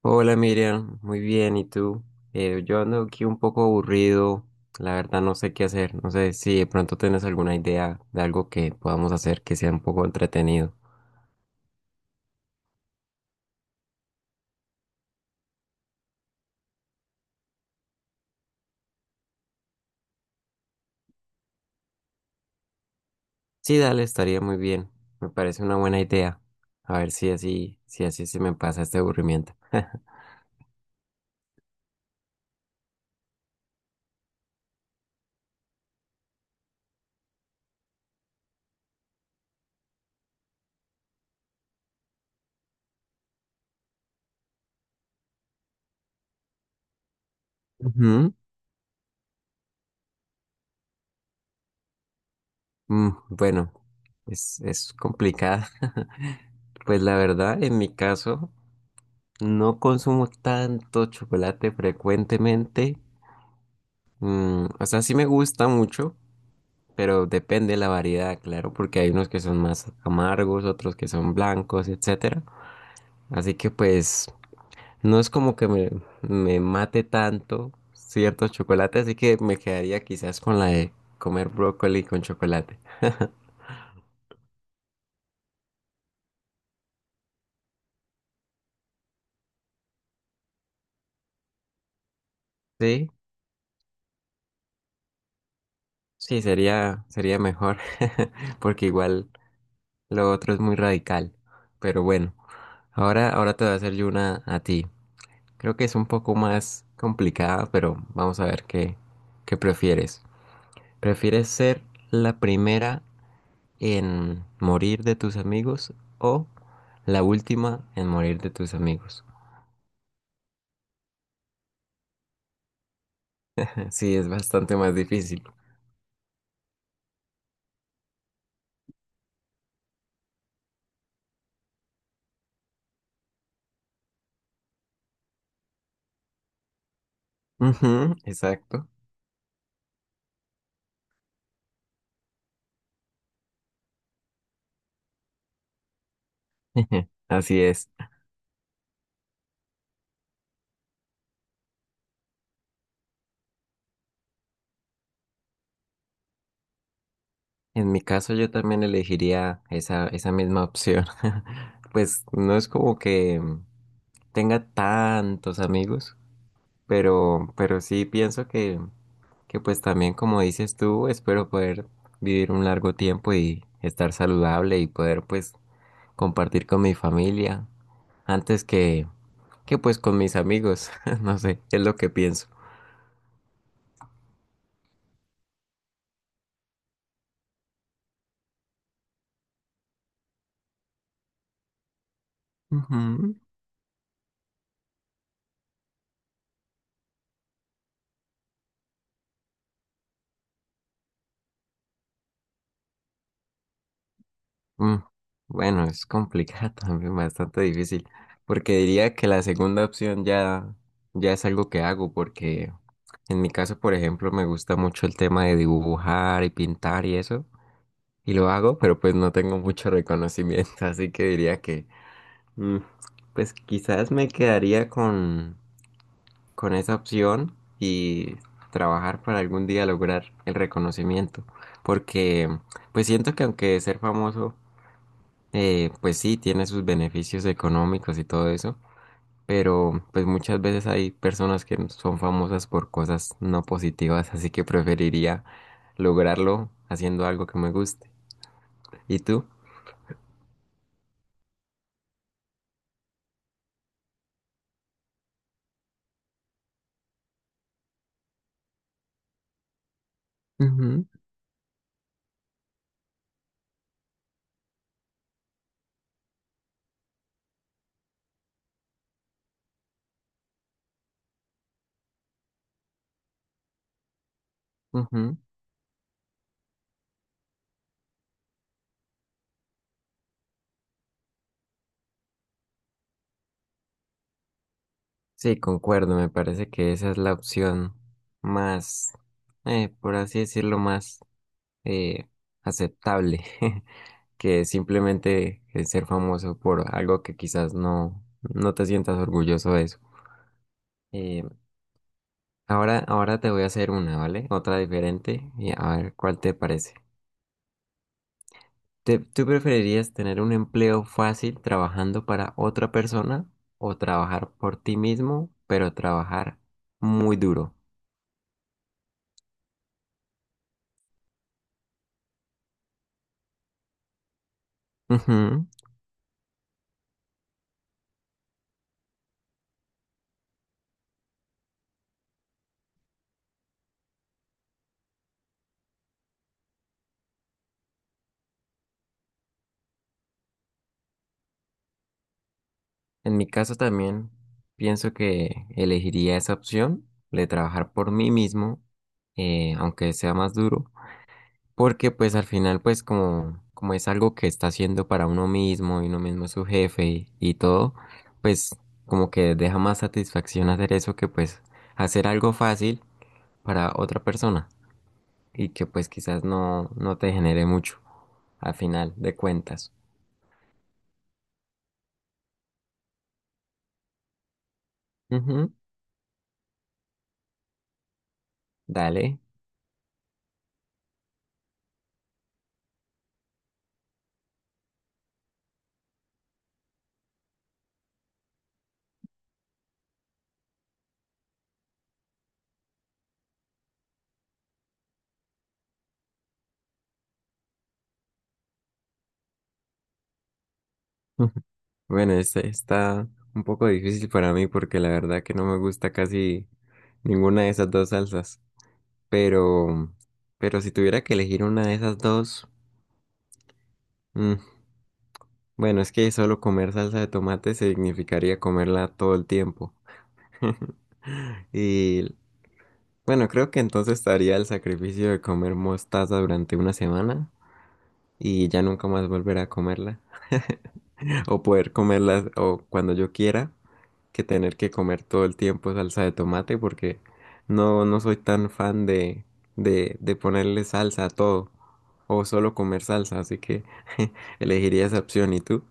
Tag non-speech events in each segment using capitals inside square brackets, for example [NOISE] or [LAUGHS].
Hola Miriam, muy bien, ¿y tú? Yo ando aquí un poco aburrido, la verdad no sé qué hacer, no sé si de pronto tienes alguna idea de algo que podamos hacer que sea un poco entretenido. Sí, dale, estaría muy bien, me parece una buena idea, a ver si así se me pasa este aburrimiento. [LAUGHS] Ujú. Bueno, es complicada. [LAUGHS] Pues la verdad, en mi caso, no consumo tanto chocolate frecuentemente. O sea, sí me gusta mucho, pero depende de la variedad, claro, porque hay unos que son más amargos, otros que son blancos, etcétera. Así que pues no es como que me mate tanto ciertos chocolates, así que me quedaría quizás con la de comer brócoli con chocolate. Sí, sí, sería mejor, [LAUGHS] porque igual lo otro es muy radical. Pero bueno, ahora te voy a hacer yo una a ti. Creo que es un poco más complicada, pero vamos a ver qué prefieres. ¿Prefieres ser la primera en morir de tus amigos o la última en morir de tus amigos? [LAUGHS] Sí, es bastante más difícil. Ujú, exacto. [LAUGHS] Así es. En mi caso yo también elegiría esa misma opción. [LAUGHS] Pues no es como que tenga tantos amigos, pero sí pienso que pues también como dices tú, espero poder vivir un largo tiempo y estar saludable y poder pues compartir con mi familia antes que pues con mis amigos. [LAUGHS] No sé, es lo que pienso. Ujú. Mm, Bueno, es complicado [LAUGHS] también, bastante difícil, porque diría que la segunda opción ya es algo que hago, porque en mi caso, por ejemplo, me gusta mucho el tema de dibujar y pintar y eso, y lo hago, pero pues no tengo mucho reconocimiento, [LAUGHS] así que diría que, mm, pues quizás me quedaría con esa opción y trabajar para algún día lograr el reconocimiento. Porque pues siento que aunque ser famoso, pues sí, tiene sus beneficios económicos y todo eso, pero pues muchas veces hay personas que son famosas por cosas no positivas, así que preferiría lograrlo haciendo algo que me guste. ¿Y tú? Ujú, ujú. Sí, concuerdo, me parece que esa es la opción más, por así decirlo, más eh, aceptable [LAUGHS] que simplemente ser famoso por algo que quizás no te sientas orgulloso de eso. Eh, ahora te voy a hacer una, ¿vale? Otra diferente y a ver cuál te parece. ¿Tú preferirías tener un empleo fácil trabajando para otra persona o trabajar por ti mismo, pero trabajar muy duro? [LAUGHS] En mi caso también pienso que elegiría esa opción de trabajar por mí mismo, aunque sea más duro, porque pues al final pues como es algo que está haciendo para uno mismo y uno mismo es su jefe y todo, pues como que deja más satisfacción hacer eso que pues hacer algo fácil para otra persona y que pues quizás no te genere mucho al final de cuentas. Ujú, dale. [LAUGHS] Bueno, este está un poco difícil para mí porque la verdad que no me gusta casi ninguna de esas dos salsas. Pero, pero si tuviera que elegir una de esas dos, mm, bueno, es que solo comer salsa de tomate significaría comerla todo el tiempo. [LAUGHS] Y bueno, creo que entonces estaría el sacrificio de comer mostaza durante una semana y ya nunca más volver a comerla [LAUGHS] o poder comerla o cuando yo quiera. Que tener que comer todo el tiempo salsa de tomate porque no soy tan fan de ponerle salsa a todo o solo comer salsa, así que [LAUGHS] elegiría esa opción. ¿Y tú?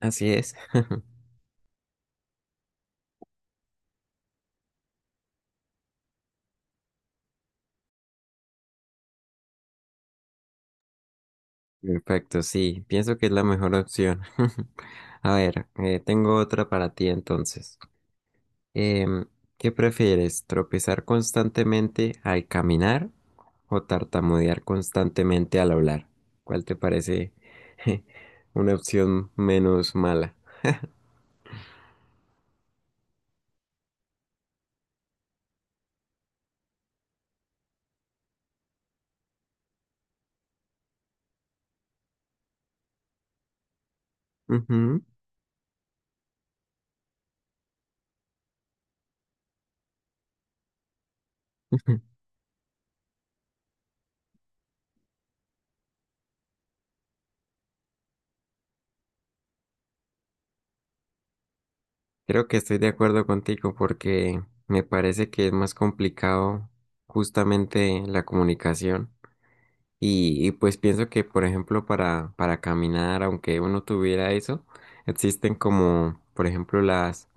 Así es. [LAUGHS] Perfecto, sí, pienso que es la mejor opción. [LAUGHS] A ver, tengo otra para ti entonces. Em, ¿Qué prefieres? ¿Tropezar constantemente al caminar o tartamudear constantemente al hablar? ¿Cuál te parece [LAUGHS] una opción menos mala? Ujú. [LAUGHS] Creo que estoy de acuerdo contigo porque me parece que es más complicado justamente la comunicación. Y pues pienso que, por ejemplo, para caminar, aunque uno tuviera eso, existen como, por ejemplo,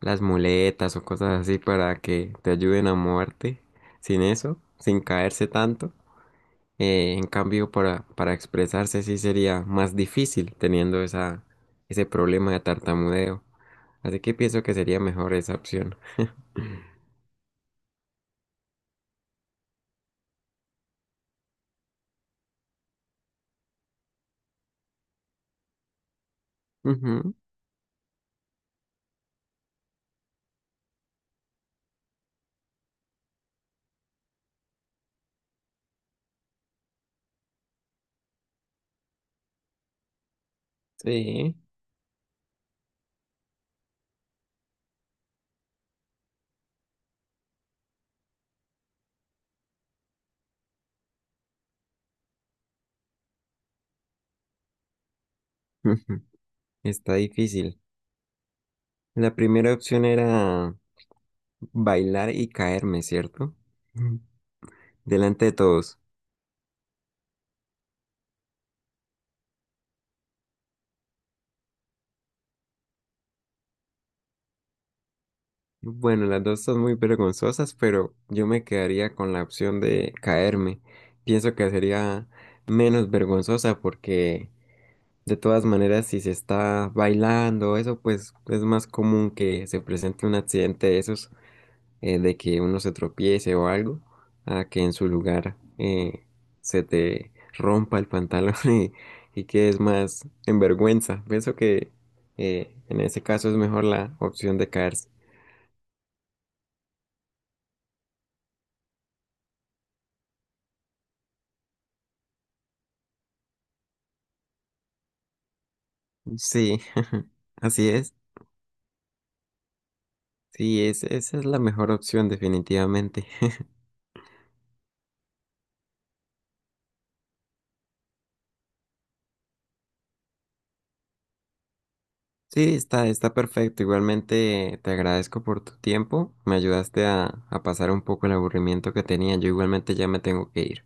las muletas o cosas así para que te ayuden a moverte sin eso, sin caerse tanto. En cambio, para expresarse sí sería más difícil teniendo ese problema de tartamudeo. Así que pienso que sería mejor esa opción. Ujú, sí, ujú, está difícil. La primera opción era bailar y caerme, ¿cierto? Ujú. Delante de todos. Bueno, las dos son muy vergonzosas, pero yo me quedaría con la opción de caerme. Pienso que sería menos vergonzosa porque de todas maneras si se está bailando, eso pues es más común que se presente un accidente de esos, de que uno se tropiece o algo, a que en su lugar se te rompa el pantalón [LAUGHS] y quedes más en vergüenza. Pienso que en ese caso es mejor la opción de caerse. Sí, [LAUGHS] así es. Sí, esa es la mejor opción definitivamente. [LAUGHS] Sí, está perfecto. Igualmente te agradezco por tu tiempo. Me ayudaste a pasar un poco el aburrimiento que tenía. Yo igualmente ya me tengo que ir.